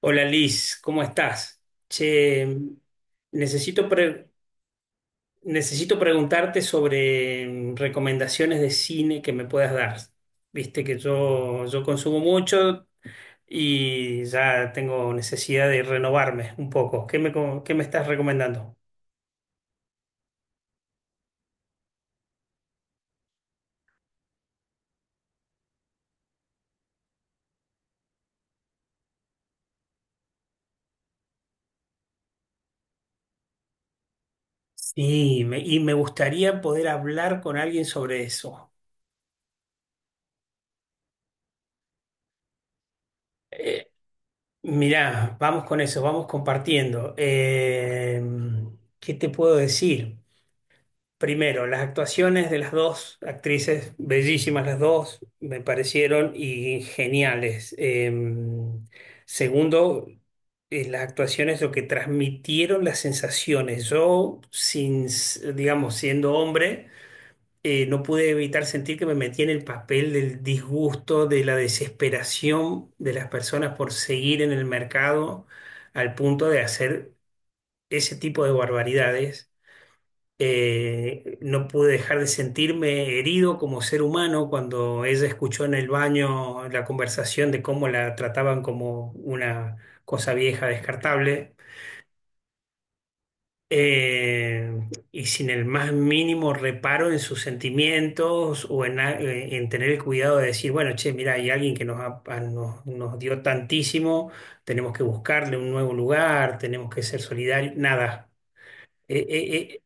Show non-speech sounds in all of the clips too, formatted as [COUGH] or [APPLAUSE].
Hola Liz, ¿cómo estás? Che, necesito, pre- necesito preguntarte sobre recomendaciones de cine que me puedas dar. Viste que yo consumo mucho y ya tengo necesidad de renovarme un poco. ¿Qué me estás recomendando? Sí, y me gustaría poder hablar con alguien sobre eso. Eh, mirá, vamos con eso, vamos compartiendo. ¿Qué te puedo decir? Primero, las actuaciones de las dos actrices, bellísimas las dos, me parecieron y geniales. Segundo, las actuaciones, lo que transmitieron las sensaciones. Yo, sin, s- digamos, siendo hombre, no pude evitar sentir que me metí en el papel del disgusto, de la desesperación de las personas por seguir en el mercado al punto de hacer ese tipo de barbaridades. No pude dejar de sentirme herido como ser humano cuando ella escuchó en el baño la conversación de cómo la trataban como una cosa vieja, descartable, eh, y sin el más mínimo reparo en sus sentimientos o en tener el cuidado de decir, bueno, che, mira, hay alguien que nos, ha- a- nos, nos dio tantísimo, tenemos que buscarle un nuevo lugar, tenemos que ser solidarios, nada. Eh, eh, eh,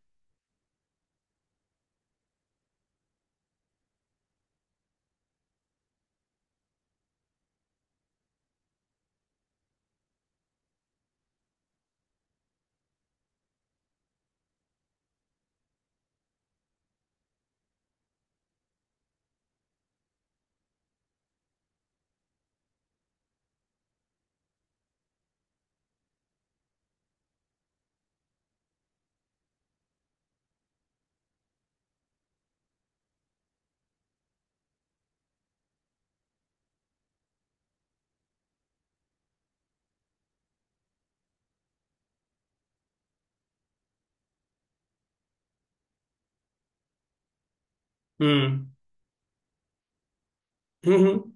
mm, [LAUGHS] Ujú.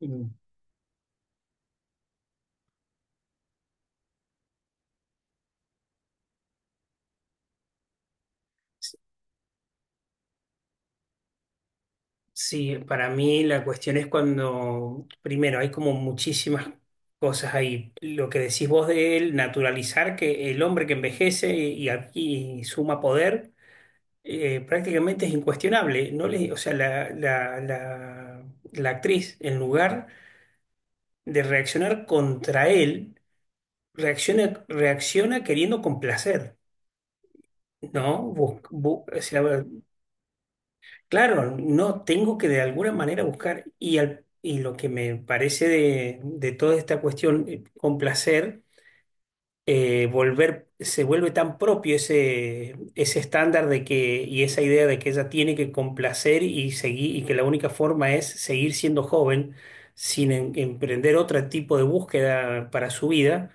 Mm. Sí, para mí la cuestión es cuando, primero, hay como muchísimas cosas ahí. Lo que decís vos de él, naturalizar que el hombre que envejece y, aquí suma poder, prácticamente es incuestionable. No le, o sea, la actriz, en lugar de reaccionar contra él, reacciona queriendo complacer, ¿no? O sea, claro, no tengo que de alguna manera buscar y lo que me parece de toda esta cuestión, con placer, se vuelve tan propio ese, ese estándar de que, y esa idea de que ella tiene que complacer y seguir, y que la única forma es seguir siendo joven sin emprender otro tipo de búsqueda para su vida,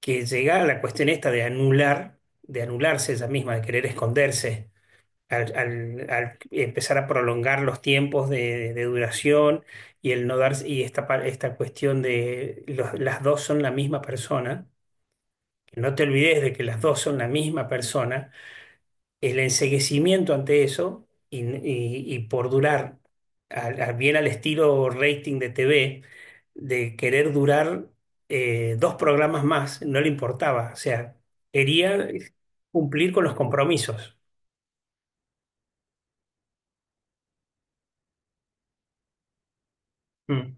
que llega a la cuestión esta de anularse ella misma, de querer esconderse al empezar a prolongar los tiempos de duración y el no darse, y esta cuestión de las dos son la misma persona, que no te olvides de que las dos son la misma persona, el enceguecimiento ante eso y por durar bien al estilo rating de TV, de querer durar dos programas más, no le importaba, o sea, quería cumplir con los compromisos. Mm.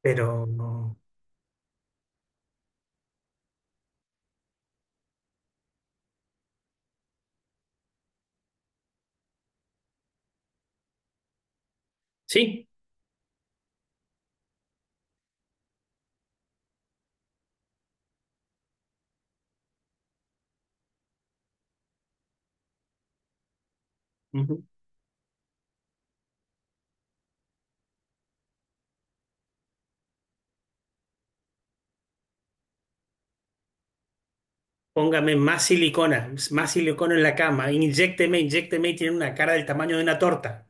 Pero sí. Ujú. Póngame más silicona en la cama, inyécteme, inyécteme y tiene una cara del tamaño de una torta.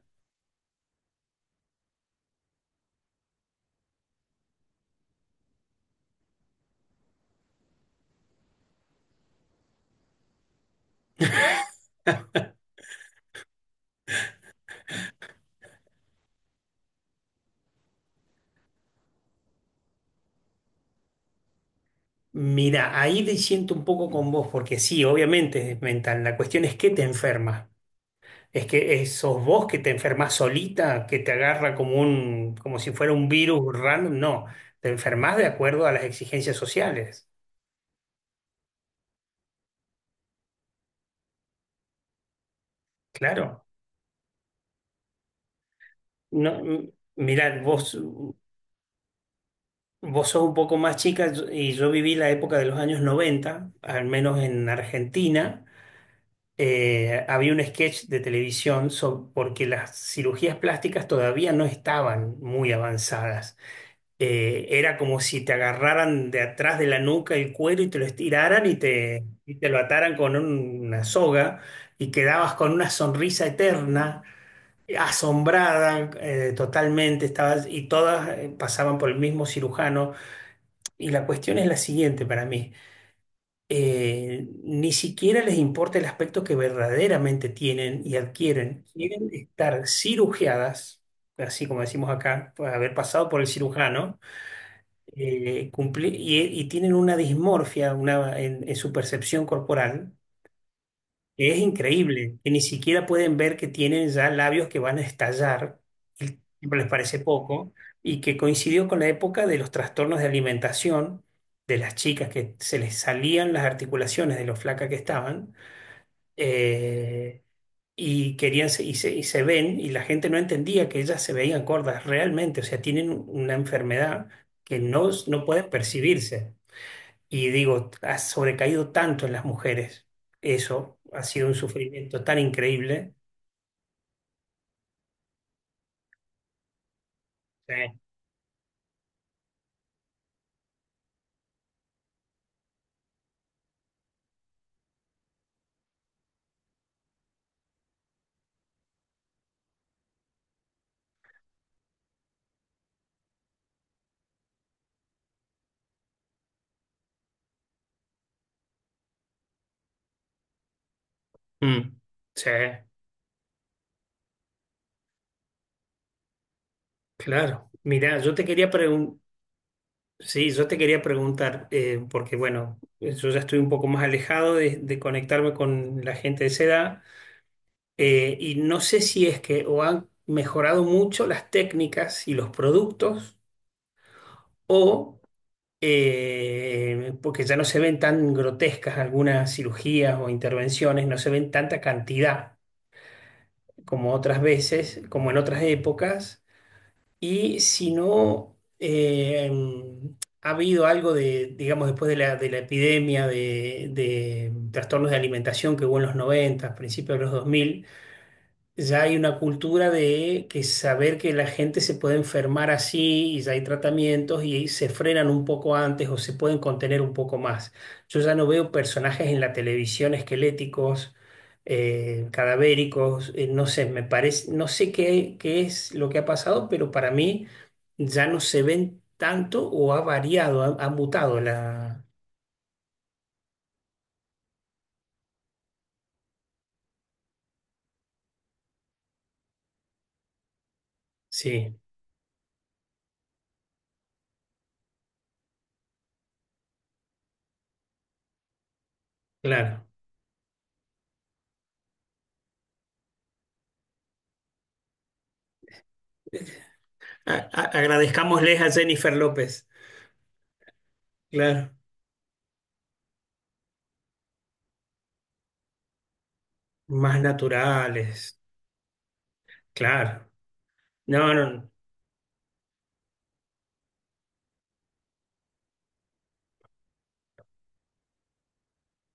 Mira, ahí te siento un poco con vos, porque sí, obviamente es mental. La cuestión es que te enferma. Es que sos vos que te enfermas solita, que te agarra como un, como si fuera un virus random. No, te enfermas de acuerdo a las exigencias sociales. Claro. No, mirá, vos sos un poco más chica y yo viví la época de los años 90, al menos en Argentina. Había un sketch de televisión porque las cirugías plásticas todavía no estaban muy avanzadas. Era como si te agarraran de atrás de la nuca el cuero y te lo estiraran y te lo ataran con una soga y quedabas con una sonrisa eterna, asombrada, totalmente, estabas, y todas pasaban por el mismo cirujano. Y la cuestión es la siguiente para mí. Ni siquiera les importa el aspecto que verdaderamente tienen y adquieren. Quieren estar cirugiadas, así como decimos acá, por haber pasado por el cirujano, y tienen una dismorfia una, en su percepción corporal. Es increíble que ni siquiera pueden ver que tienen ya labios que van a estallar, y siempre les parece poco, y que coincidió con la época de los trastornos de alimentación de las chicas que se les salían las articulaciones de lo flaca que estaban, eh, y querían y se ven, y la gente no entendía que ellas se veían gordas realmente, o sea, tienen una enfermedad que no, no pueden percibirse. Y digo, ha sobrecaído tanto en las mujeres. Eso ha sido un sufrimiento tan increíble. Sí. Mm. Sí, claro. Mirá, yo te quería preguntar, sí, yo te quería preguntar, porque bueno, yo ya estoy un poco más alejado de conectarme con la gente de esa edad, y no sé si es que o han mejorado mucho las técnicas y los productos, o porque ya no se ven tan grotescas algunas cirugías o intervenciones, no se ven tanta cantidad como otras veces, como en otras épocas, y si no ha habido algo de, digamos, después de la epidemia de trastornos de alimentación que hubo en los 90 principios de los 2000 ya hay una cultura de que saber que la gente se puede enfermar así y ya hay tratamientos y se frenan un poco antes o se pueden contener un poco más. Yo ya no veo personajes en la televisión esqueléticos, cadavéricos, no sé, me parece, no sé qué es lo que ha pasado, pero para mí ya no se ven tanto o ha variado, ha, mutado la... Sí, claro. Agradezcámosles a Jennifer López, claro, más naturales. Claro, no, no,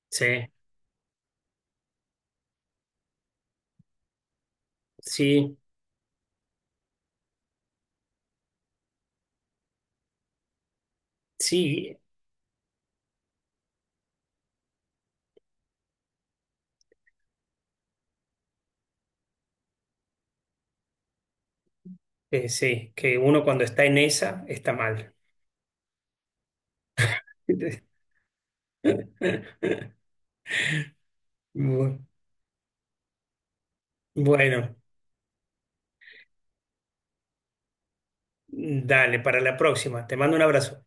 sí, sí, sí, sí, que uno cuando está en esa está mal. [LAUGHS] Bu- Bueno, dale, para la próxima. Te mando un abrazo.